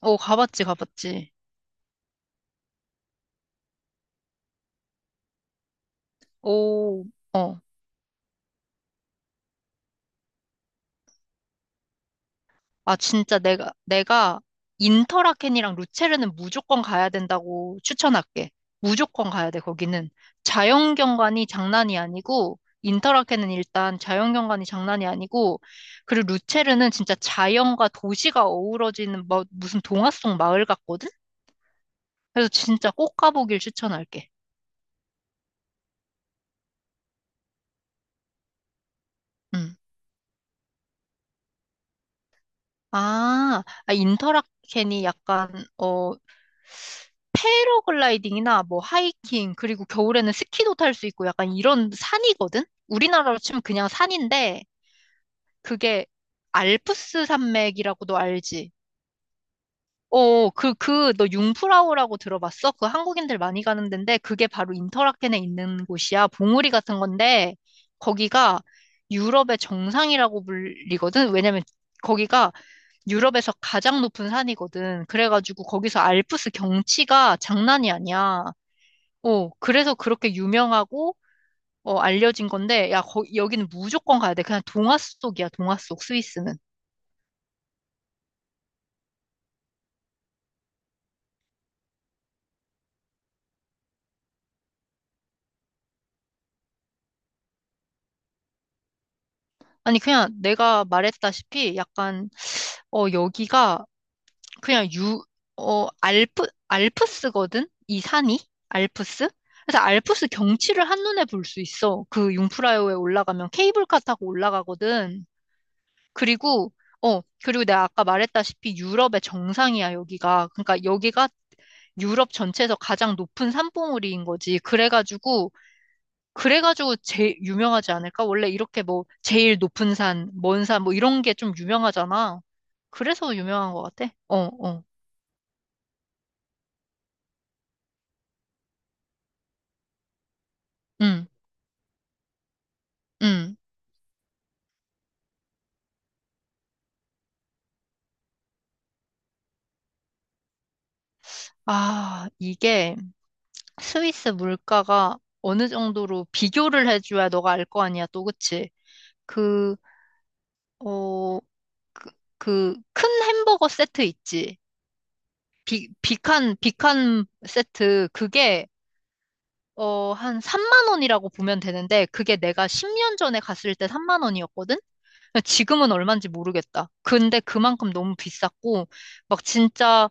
오, 가봤지, 가봤지. 오, 어. 아, 진짜 내가 인터라켄이랑 루체르는 무조건 가야 된다고 추천할게. 무조건 가야 돼, 거기는. 자연경관이 장난이 아니고, 인터라켄은 일단 자연경관이 장난이 아니고, 그리고 루체르는 진짜 자연과 도시가 어우러지는 뭐, 무슨 동화 속 마을 같거든? 그래서 진짜 꼭 가보길 추천할게. 음. 인터라켄이 약간, 어, 패러글라이딩이나 뭐 하이킹, 그리고 겨울에는 스키도 탈 수 있고 약간 이런 산이거든? 우리나라로 치면 그냥 산인데 그게 알프스 산맥이라고도 알지? 어, 너 융프라우라고 들어봤어? 그 한국인들 많이 가는 데인데 그게 바로 인터라켄에 있는 곳이야. 봉우리 같은 건데 거기가 유럽의 정상이라고 불리거든? 왜냐면 거기가 유럽에서 가장 높은 산이거든. 그래가지고 거기서 알프스 경치가 장난이 아니야. 어, 그래서 그렇게 유명하고, 알려진 건데, 야, 거, 여기는 무조건 가야 돼. 그냥 동화 속이야, 동화 속, 스위스는. 아니, 그냥 내가 말했다시피, 약간, 어, 여기가 그냥 유, 어, 알프, 알프스거든? 이 산이? 알프스? 그래서 알프스 경치를 한눈에 볼 수 있어. 그 융프라요에 올라가면 케이블카 타고 올라가거든. 그리고, 어, 그리고 내가 아까 말했다시피 유럽의 정상이야, 여기가. 그러니까 여기가 유럽 전체에서 가장 높은 산봉우리인 거지. 그래가지고 제일 유명하지 않을까? 원래 이렇게 뭐, 제일 높은 산, 먼 산, 뭐 이런 게 좀 유명하잖아. 그래서 유명한 것 같아. 어, 어. 응, 응. 아, 이게 스위스 물가가 어느 정도로 비교를 해줘야 너가 알 거 아니야, 또, 그치? 그, 어, 그, 그 큰 햄버거 세트 있지? 비칸 세트. 그게 한 3만 원이라고 보면 되는데, 그게 내가 10년 전에 갔을 때 3만 원이었거든? 지금은 얼마인지 모르겠다. 근데 그만큼 너무 비쌌고, 막 진짜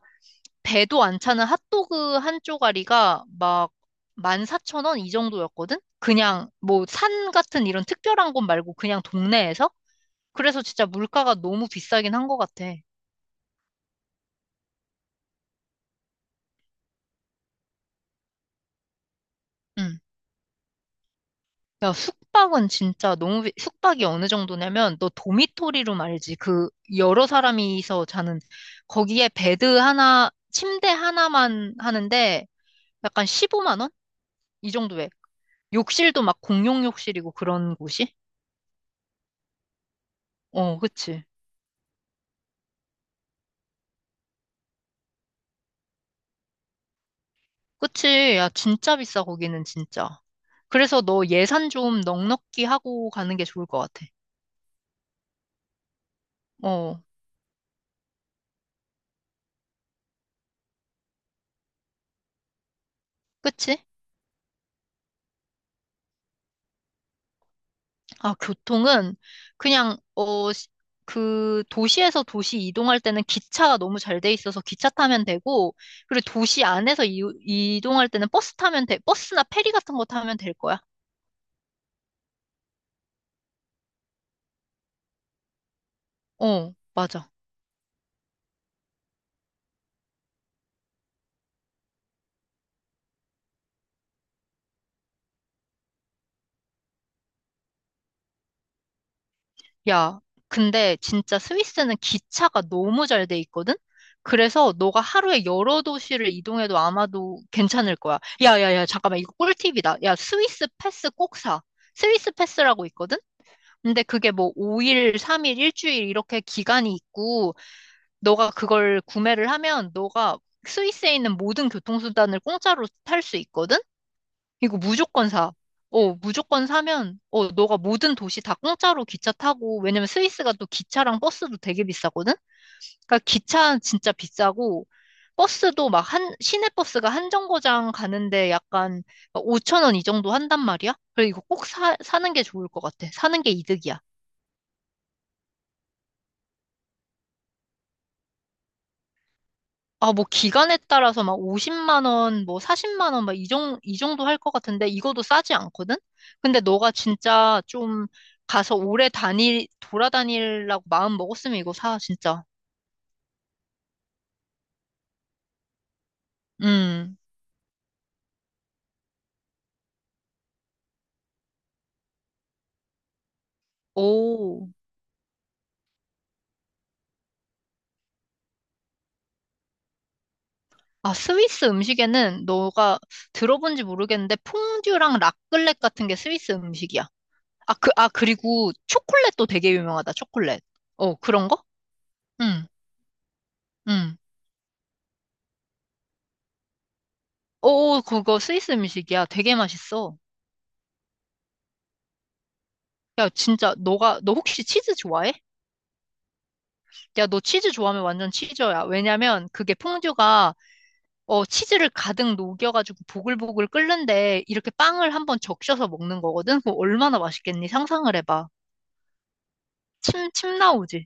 배도 안 차는 핫도그 한 쪼가리가 막 14,000원 이 정도였거든? 그냥 뭐 산 같은 이런 특별한 곳 말고 그냥 동네에서? 그래서 진짜 물가가 너무 비싸긴 한 것 같아. 응. 야, 숙박은 진짜 너무, 숙박이 어느 정도냐면, 너 도미토리룸 알지? 그, 여러 사람이서 자는, 거기에 베드 하나, 침대 하나만 하는데, 약간 15만 원? 이 정도에. 욕실도 막 공용 욕실이고 그런 곳이? 어, 그치. 그치. 야, 진짜 비싸, 거기는 진짜. 그래서 너 예산 좀 넉넉히 하고 가는 게 좋을 것 같아. 어, 그치? 아, 교통은 그냥 그 도시에서 도시 이동할 때는 기차가 너무 잘 돼 있어서 기차 타면 되고, 그리고 도시 안에서 이동할 때는 버스 타면 돼. 버스나 페리 같은 거 타면 될 거야. 어, 맞아. 야, 근데 진짜 스위스는 기차가 너무 잘 돼 있거든? 그래서 너가 하루에 여러 도시를 이동해도 아마도 괜찮을 거야. 야, 잠깐만. 이거 꿀팁이다. 야, 스위스 패스 꼭 사. 스위스 패스라고 있거든? 근데 그게 뭐 5일, 3일, 일주일 이렇게 기간이 있고, 너가 그걸 구매를 하면 너가 스위스에 있는 모든 교통수단을 공짜로 탈 수 있거든? 이거 무조건 사. 어, 무조건 사면, 어, 너가 모든 도시 다 공짜로 기차 타고, 왜냐면 스위스가 또 기차랑 버스도 되게 비싸거든? 그러니까 기차 진짜 비싸고, 버스도 막 한, 시내 버스가 한 정거장 가는데 약간 5천 원 이 정도 한단 말이야? 그래, 이거 꼭 사, 사는 게 좋을 것 같아. 사는 게 이득이야. 아, 뭐 기간에 따라서 막 50만 원, 뭐 40만 원, 막 이 정도 할 것 같은데 이거도 싸지 않거든? 근데 너가 진짜 좀 가서 오래 다니 돌아다니려고 마음 먹었으면 이거 사, 진짜. 음. 오. 아, 스위스 음식에는 너가 들어본지 모르겠는데 퐁듀랑 라클렛 같은 게 스위스 음식이야. 아, 그리고 초콜릿도 되게 유명하다, 초콜릿. 어, 그런 거? 응, 응. 오, 그거 스위스 음식이야. 되게 맛있어. 야, 진짜, 너가, 너 혹시 치즈 좋아해? 야, 너 치즈 좋아하면 완전 치즈야. 왜냐면 그게 퐁듀가, 어, 치즈를 가득 녹여가지고 보글보글 끓는데 이렇게 빵을 한번 적셔서 먹는 거거든? 그거 얼마나 맛있겠니? 상상을 해봐. 침 나오지?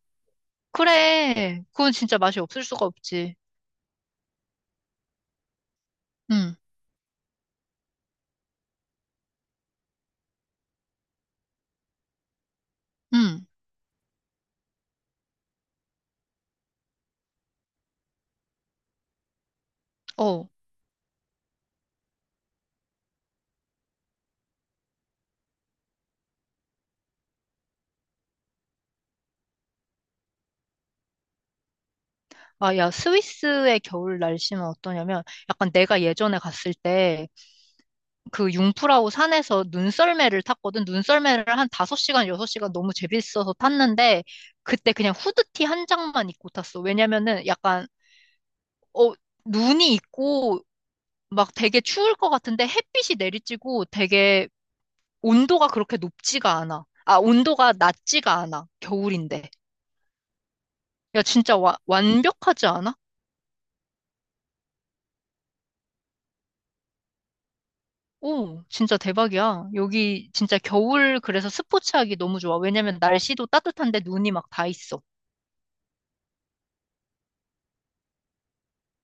그래. 그건 진짜 맛이 없을 수가 없지. 응, 응, 어. 아, 야, 스위스의 겨울 날씨는 어떠냐면 약간 내가 예전에 갔을 때 그 융프라우 산에서 눈썰매를 탔거든. 눈썰매를 한 5시간, 6시간 너무 재밌어서 탔는데, 그때 그냥 후드티 한 장만 입고 탔어. 왜냐면은 약간, 어, 눈이 있고, 막 되게 추울 것 같은데 햇빛이 내리쬐고 되게 온도가 그렇게 높지가 않아. 아, 온도가 낮지가 않아. 겨울인데. 야, 진짜 완벽하지 않아? 오, 진짜 대박이야. 여기 진짜 겨울 그래서 스포츠하기 너무 좋아. 왜냐면 날씨도 따뜻한데 눈이 막 다 있어.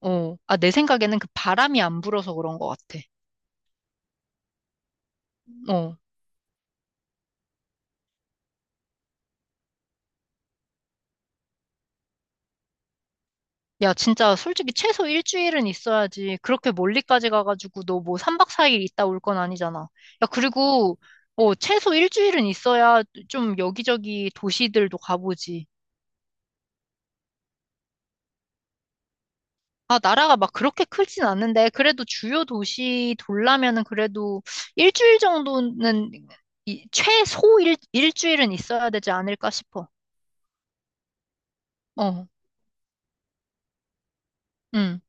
어, 아, 내 생각에는 그 바람이 안 불어서 그런 것 같아. 어. 야, 진짜 솔직히 최소 일주일은 있어야지. 그렇게 멀리까지 가가지고 너 뭐 3박 4일 있다 올 건 아니잖아. 야, 그리고, 어, 최소 일주일은 있어야 좀 여기저기 도시들도 가보지. 아, 나라가 막 그렇게 크진 않는데, 그래도 주요 도시 돌라면은 그래도 일주일 정도는, 이, 최소 일주일은 있어야 되지 않을까 싶어. 어, 응,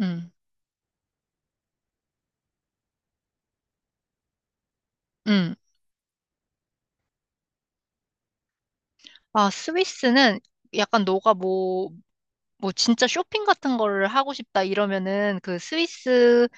응, 응. 아, 스위스는 약간 뭐 진짜 쇼핑 같은 거를 하고 싶다 이러면은 그 스위스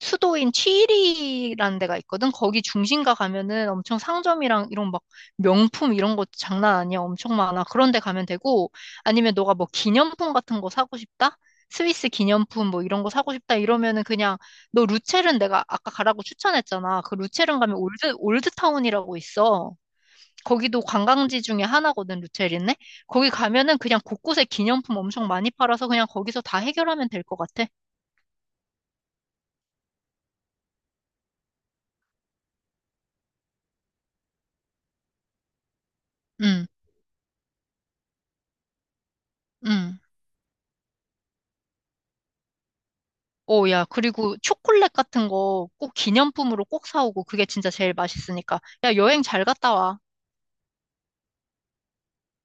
수도인 취리히라는 데가 있거든. 거기 중심가 가면은 엄청 상점이랑 이런 막 명품 이런 거 장난 아니야. 엄청 많아. 그런 데 가면 되고 아니면 너가 뭐 기념품 같은 거 사고 싶다? 스위스 기념품 뭐 이런 거 사고 싶다 이러면은 그냥 너 루체른 내가 아까 가라고 추천했잖아. 그 루체른 가면 올드타운이라고 있어. 거기도 관광지 중에 하나거든, 루체리네. 거기 가면은 그냥 곳곳에 기념품 엄청 많이 팔아서 그냥 거기서 다 해결하면 될 것 같아. 응, 응. 오, 야, 그리고 초콜릿 같은 거 꼭 기념품으로 꼭 사오고 그게 진짜 제일 맛있으니까. 야, 여행 잘 갔다 와.